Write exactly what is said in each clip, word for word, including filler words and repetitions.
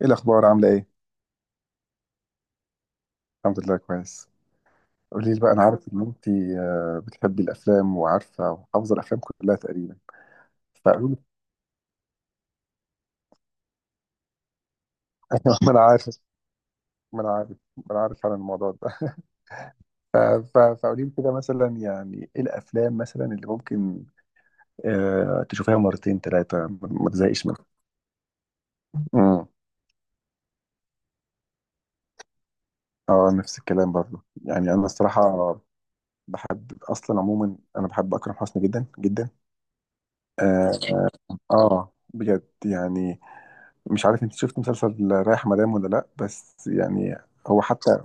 ايه الاخبار؟ عامله ايه؟ الحمد لله كويس. قولي لي بقى، انا عارف ان انت آه، بتحبي الافلام وعارفه وحافظه الافلام كلها تقريبا، فقولي لي. ما انا عارف، ما انا عارف ما انا عارف عن الموضوع ده. ف- فقولي لي كده مثلا، يعني ايه الافلام مثلا اللي ممكن آه، تشوفيها مرتين ثلاثه ما تزهقش منها؟ امم اه، نفس الكلام برضه، يعني انا الصراحه بحب اصلا عموما، انا بحب اكرم حسني جدا جدا. اه، آه، بجد يعني. مش عارف انت شفت مسلسل رايح مدام ولا لا، بس يعني هو حتى،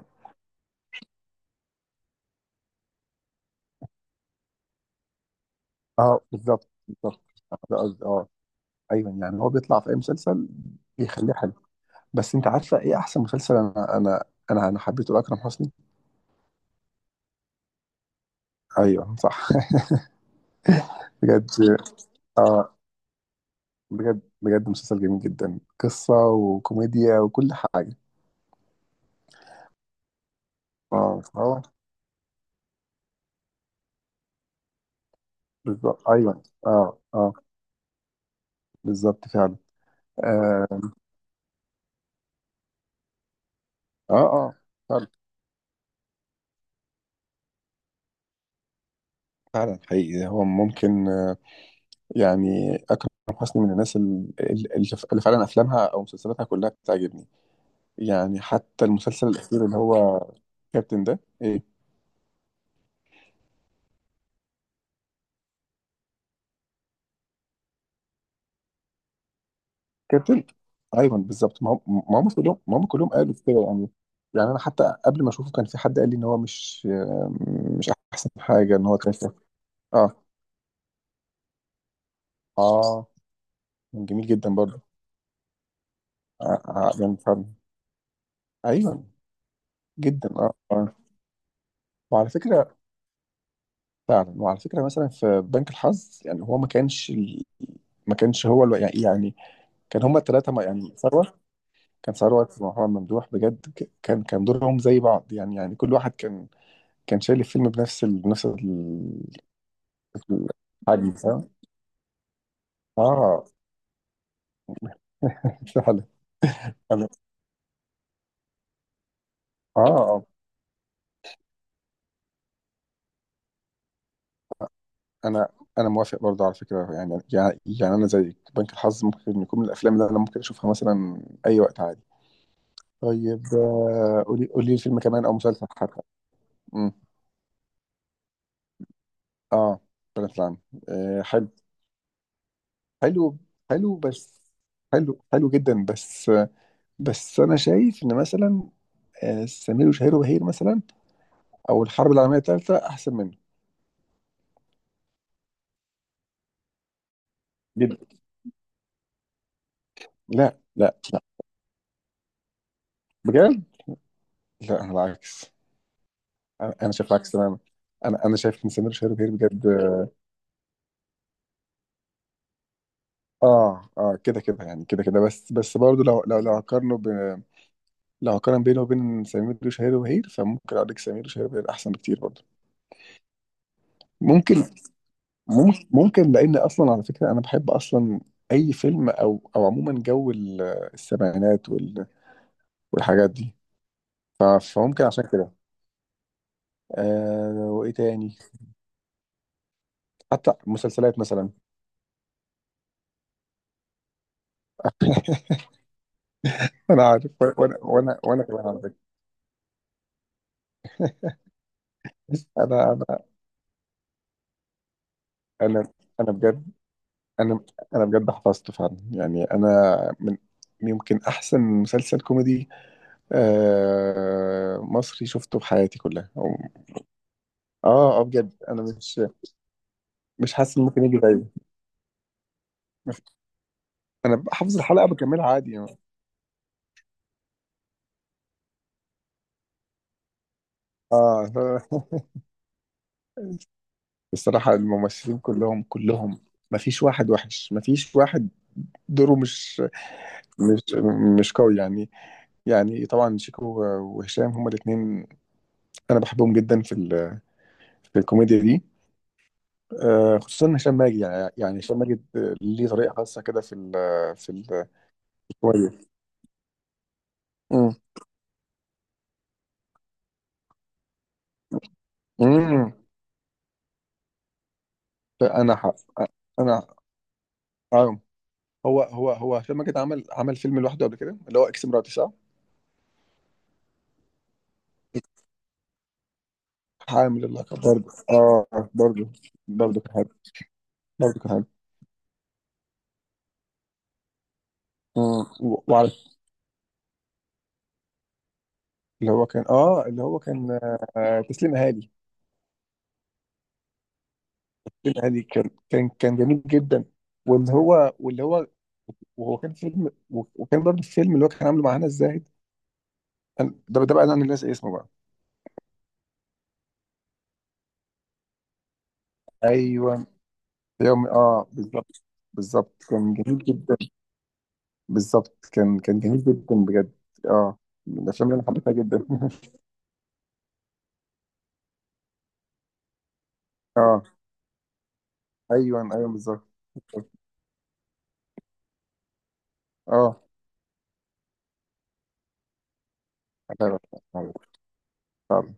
اه بالظبط بالظبط، ده قصدي اه. ايوه يعني هو بيطلع في اي مسلسل بيخليه حلو. بس انت عارفه ايه احسن مسلسل انا انا انا انا حبيته لاكرم حسني؟ ايوه صح. بجد اه، بجد بجد مسلسل جميل جدا، قصه وكوميديا وكل حاجه. اه اه بالظبط، ايوه اه اه بالظبط فعلا. اه، اه, آه. فعلا، فعلا حقيقي هو ممكن آه، يعني أكرم حسني من الناس ال- ال- اللي ف- اللي فعلا أفلامها أو مسلسلاتها كلها بتعجبني. يعني حتى المسلسل الأخير اللي هو كابتن ده، إيه كابتن؟ أيوه بالظبط. ما هم ما هم كلهم ما هم كلهم قالوا كده يعني. يعني أنا حتى قبل ما أشوفه كان في حد قال لي إن هو مش، مش أحسن حاجة إن هو كان. آه آه كان جميل جدا برضه. آه، آه، يعني فعلا. أيوه جدا، آه آه. وعلى فكرة، فعلا وعلى فكره مثلا في بنك الحظ، يعني هو ما كانش ال... ما كانش هو الو... يعني يعني كان هما الثلاثه، ما يعني ثروت، كان ثروت ومحمد ممدوح بجد، ك- كان كان دورهم زي بعض، يعني يعني كل واحد كان كان شايل الفيلم بنفس ال... بنفس ال- الحجم، فاهم؟ اه فعلا. انا اه اه انا انا موافق برضه على فكره، يعني يعني يعني انا زي بنك الحظ ممكن يكون من الافلام اللي انا ممكن اشوفها مثلا اي وقت عادي. طيب آه، قولي قولي لي فيلم كمان او مسلسل حتى. اه، بنات العم. آه حلو، حلو، حلو بس، حلو حلو جدا، بس بس انا شايف ان مثلا آه، سمير وشهير وبهير مثلا، او الحرب العالميه الثالثه احسن منه جدا. لا لا، بجد، لا انا العكس، انا أنا شايف العكس تماما. انا انا شايف ان سمير وشهير وبهير بجد. اه اه كده كده، يعني كده كده بس، بس برضه لو لو لو هقارنه ب... لو هقارن بينه وبين سمير وشهير وبهير، فممكن اقول لك سمير وشهير وبهير احسن بكتير برضه. ممكن، ممكن ممكن لان اصلا على فكره انا بحب اصلا اي فيلم او او عموما جو ال- السبعينات وال- والحاجات دي. ف- فممكن عشان كده. آه، وايه تاني؟ حتى مسلسلات مثلا. انا عارف، وانا وانا وانا كمان على فكره. انا انا انا انا بجد، انا انا بجد حفظت فعلا، يعني انا من، يمكن احسن مسلسل كوميدي آه مصري شفته في حياتي كلها أو- اه اه بجد، انا مش مش حاسس ان ممكن يجي زيه. انا ب- حافظ الحلقه بكملها عادي يعني. اه الصراحه الممثلين كلهم كلهم، ما فيش واحد وحش، ما فيش واحد دوره مش مش مش قوي يعني. يعني طبعا شيكو وهشام، هما الاثنين انا بحبهم جدا في ال- في الكوميديا دي. آه، خصوصا هشام ماجد، يعني يعني هشام ماجد آه، ليه طريقه خاصه كده في ال في ال- في الكوميديا. امم امم. انا حق انا آه. هو هو هو هشام ماجد عمل، عمل فيلم لوحده قبل كده، اللي هو اكس مراتي صح؟ حامل اللقب برضه، اه برضه، برضه كان حامل برضه كان حامل. مم. و- وعلى، اللي هو كان اه، اللي هو كان آه تسليم اهالي. تسليم اهالي كان كان كان جميل جدا. واللي هو، واللي هو، وهو كان فيلم و- وكان برضه الفيلم اللي هو كان عامله مع هنا الزاهد. أنا- ده ده بقى انا اللي ناسي اسمه بقى. ايوه، يوم، اه بالظبط. بالظبط كان جميل جدا، بالظبط كان كان جميل جدا بجد. اه، من الافلام اللي انا حبيتها جدا اه، ايوه ايوه بالظبط. اه فعلا.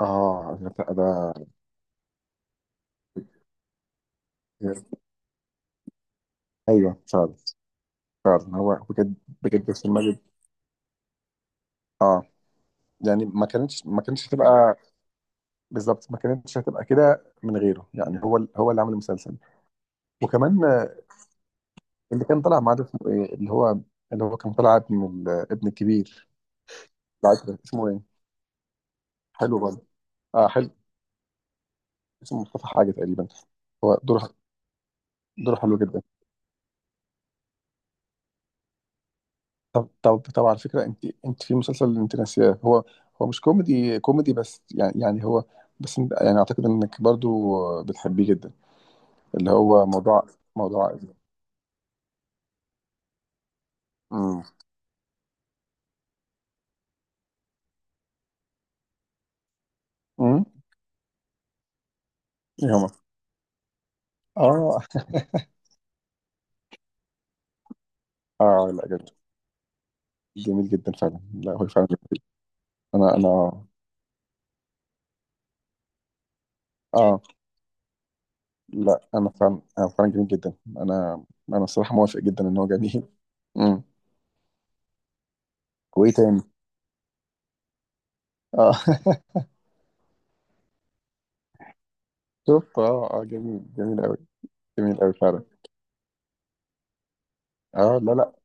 اه لا، ده ايوه فعلا. فعلا هو بجد، بجد السينما دي اه. يعني ما كانتش ما كانتش هتبقى، بالظبط ما كانتش هتبقى كده من غيره، يعني هو ال- هو اللي عمل المسلسل. وكمان آه، اللي كان طالع معاه ده اسمه ايه؟ اللي هو، اللي هو كان طالع ابن ال- ابن الكبير، العترة اسمه ايه؟ حلو برضه، اه حلو. اسمه مصطفى حاجه تقريبا. هو دوره، دوره حلو جدا. طب طب طب على فكرة انت، انت في مسلسل انت ناسياه، هو هو مش كوميدي كوميدي، بس يعني يعني هو، بس انت يعني اعتقد انك برضو بتحبيه جدا، اللي هو موضوع، موضوع عائلي. امم امم. ايه هما؟ اه اه لا جميل، جميل جدا فعلا، لا هو فعلا جميل. انا انا اه لا، انا فعلا انا فعلا جميل جدا، انا انا الصراحة موافق جدا ان هو جميل. امم، وايه تاني؟ اه شوف، اه اه جميل، جميل قوي، جميل قوي فعلا. اه لا لا.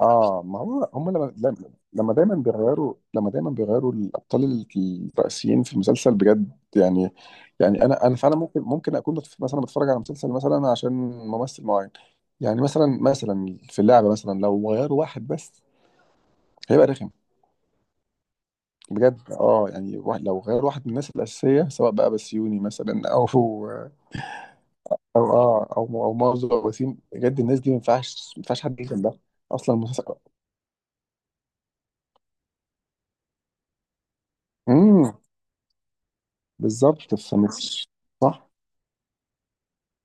اه، ما هو هم لما، لما لما دايما بيغيروا، لما دايما بيغيروا الابطال ال- الرئيسيين في المسلسل بجد يعني. يعني انا انا فعلا ممكن، ممكن اكون بتف- مثلا بتفرج على مسلسل مثلا عشان ممثل معين. يعني مثلا مثلا في اللعبه مثلا لو غيروا واحد بس، هيبقى رخم بجد. اه يعني واحد، لو غير واحد من الناس الاساسيه، سواء بقى بسيوني مثلا او او اه او او مازو او وسيم، بجد الناس دي ما ينفعش ما ينفعش حد يجي جنبها. اصلا المسلسل، امم، بالظبط فمش، صح.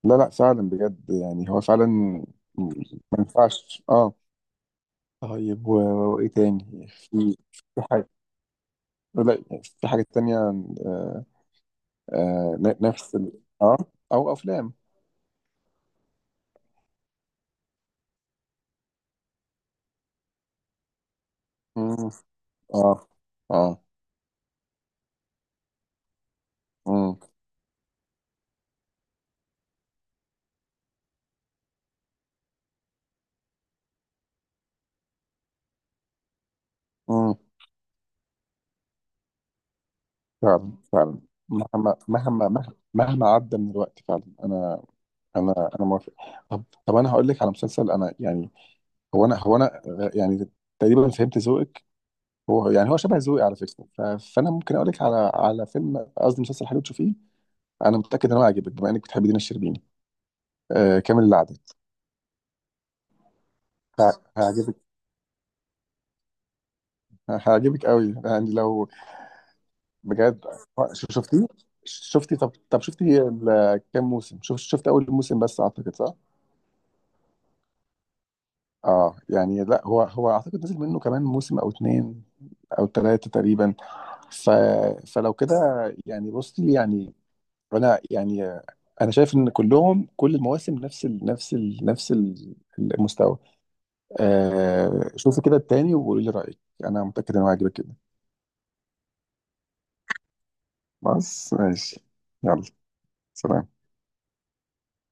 لا لا فعلا بجد، يعني هو فعلا ما ينفعش اه. طيب و- وايه تاني في؟ في حاجه، لا في حاجه تانية، آه آه ن- نفس ال... اه، او افلام. مم. اه اه مم. مم. فعلا، فعلا مهما، مهما مهما مهما عدى من الوقت، فعلا انا انا انا موافق. طب طب، انا هقول لك على مسلسل انا يعني، هو انا هو انا يعني تقريبا فهمت ذوقك، هو يعني هو شبه ذوقي على فكره. ف- فانا ممكن اقول لك على، على فيلم، قصدي مسلسل حلو تشوفيه. انا متاكد ان هو هيعجبك، بما انك بتحبي دينا الشربيني. آه، كامل العدد. ه- هيعجبك، هيعجبك قوي يعني لو، بجد. آه، ش- شفتيه، شفتي؟ طب طب شفتي ال- كام موسم شفت؟ شفت اول موسم بس اعتقد، صح؟ اه يعني لا، هو هو اعتقد نزل منه كمان موسم او اتنين او ثلاثه تقريبا، ف... فلو كده، يعني بصي يعني، فانا يعني آه، انا شايف ان كلهم، كل المواسم نفس ال نفس ال نفس ال- المستوى. آه شوفي كده التاني وقولي لي رايك، انا متاكد انه هيعجبك كده. بس ماشي. يلا، سلام.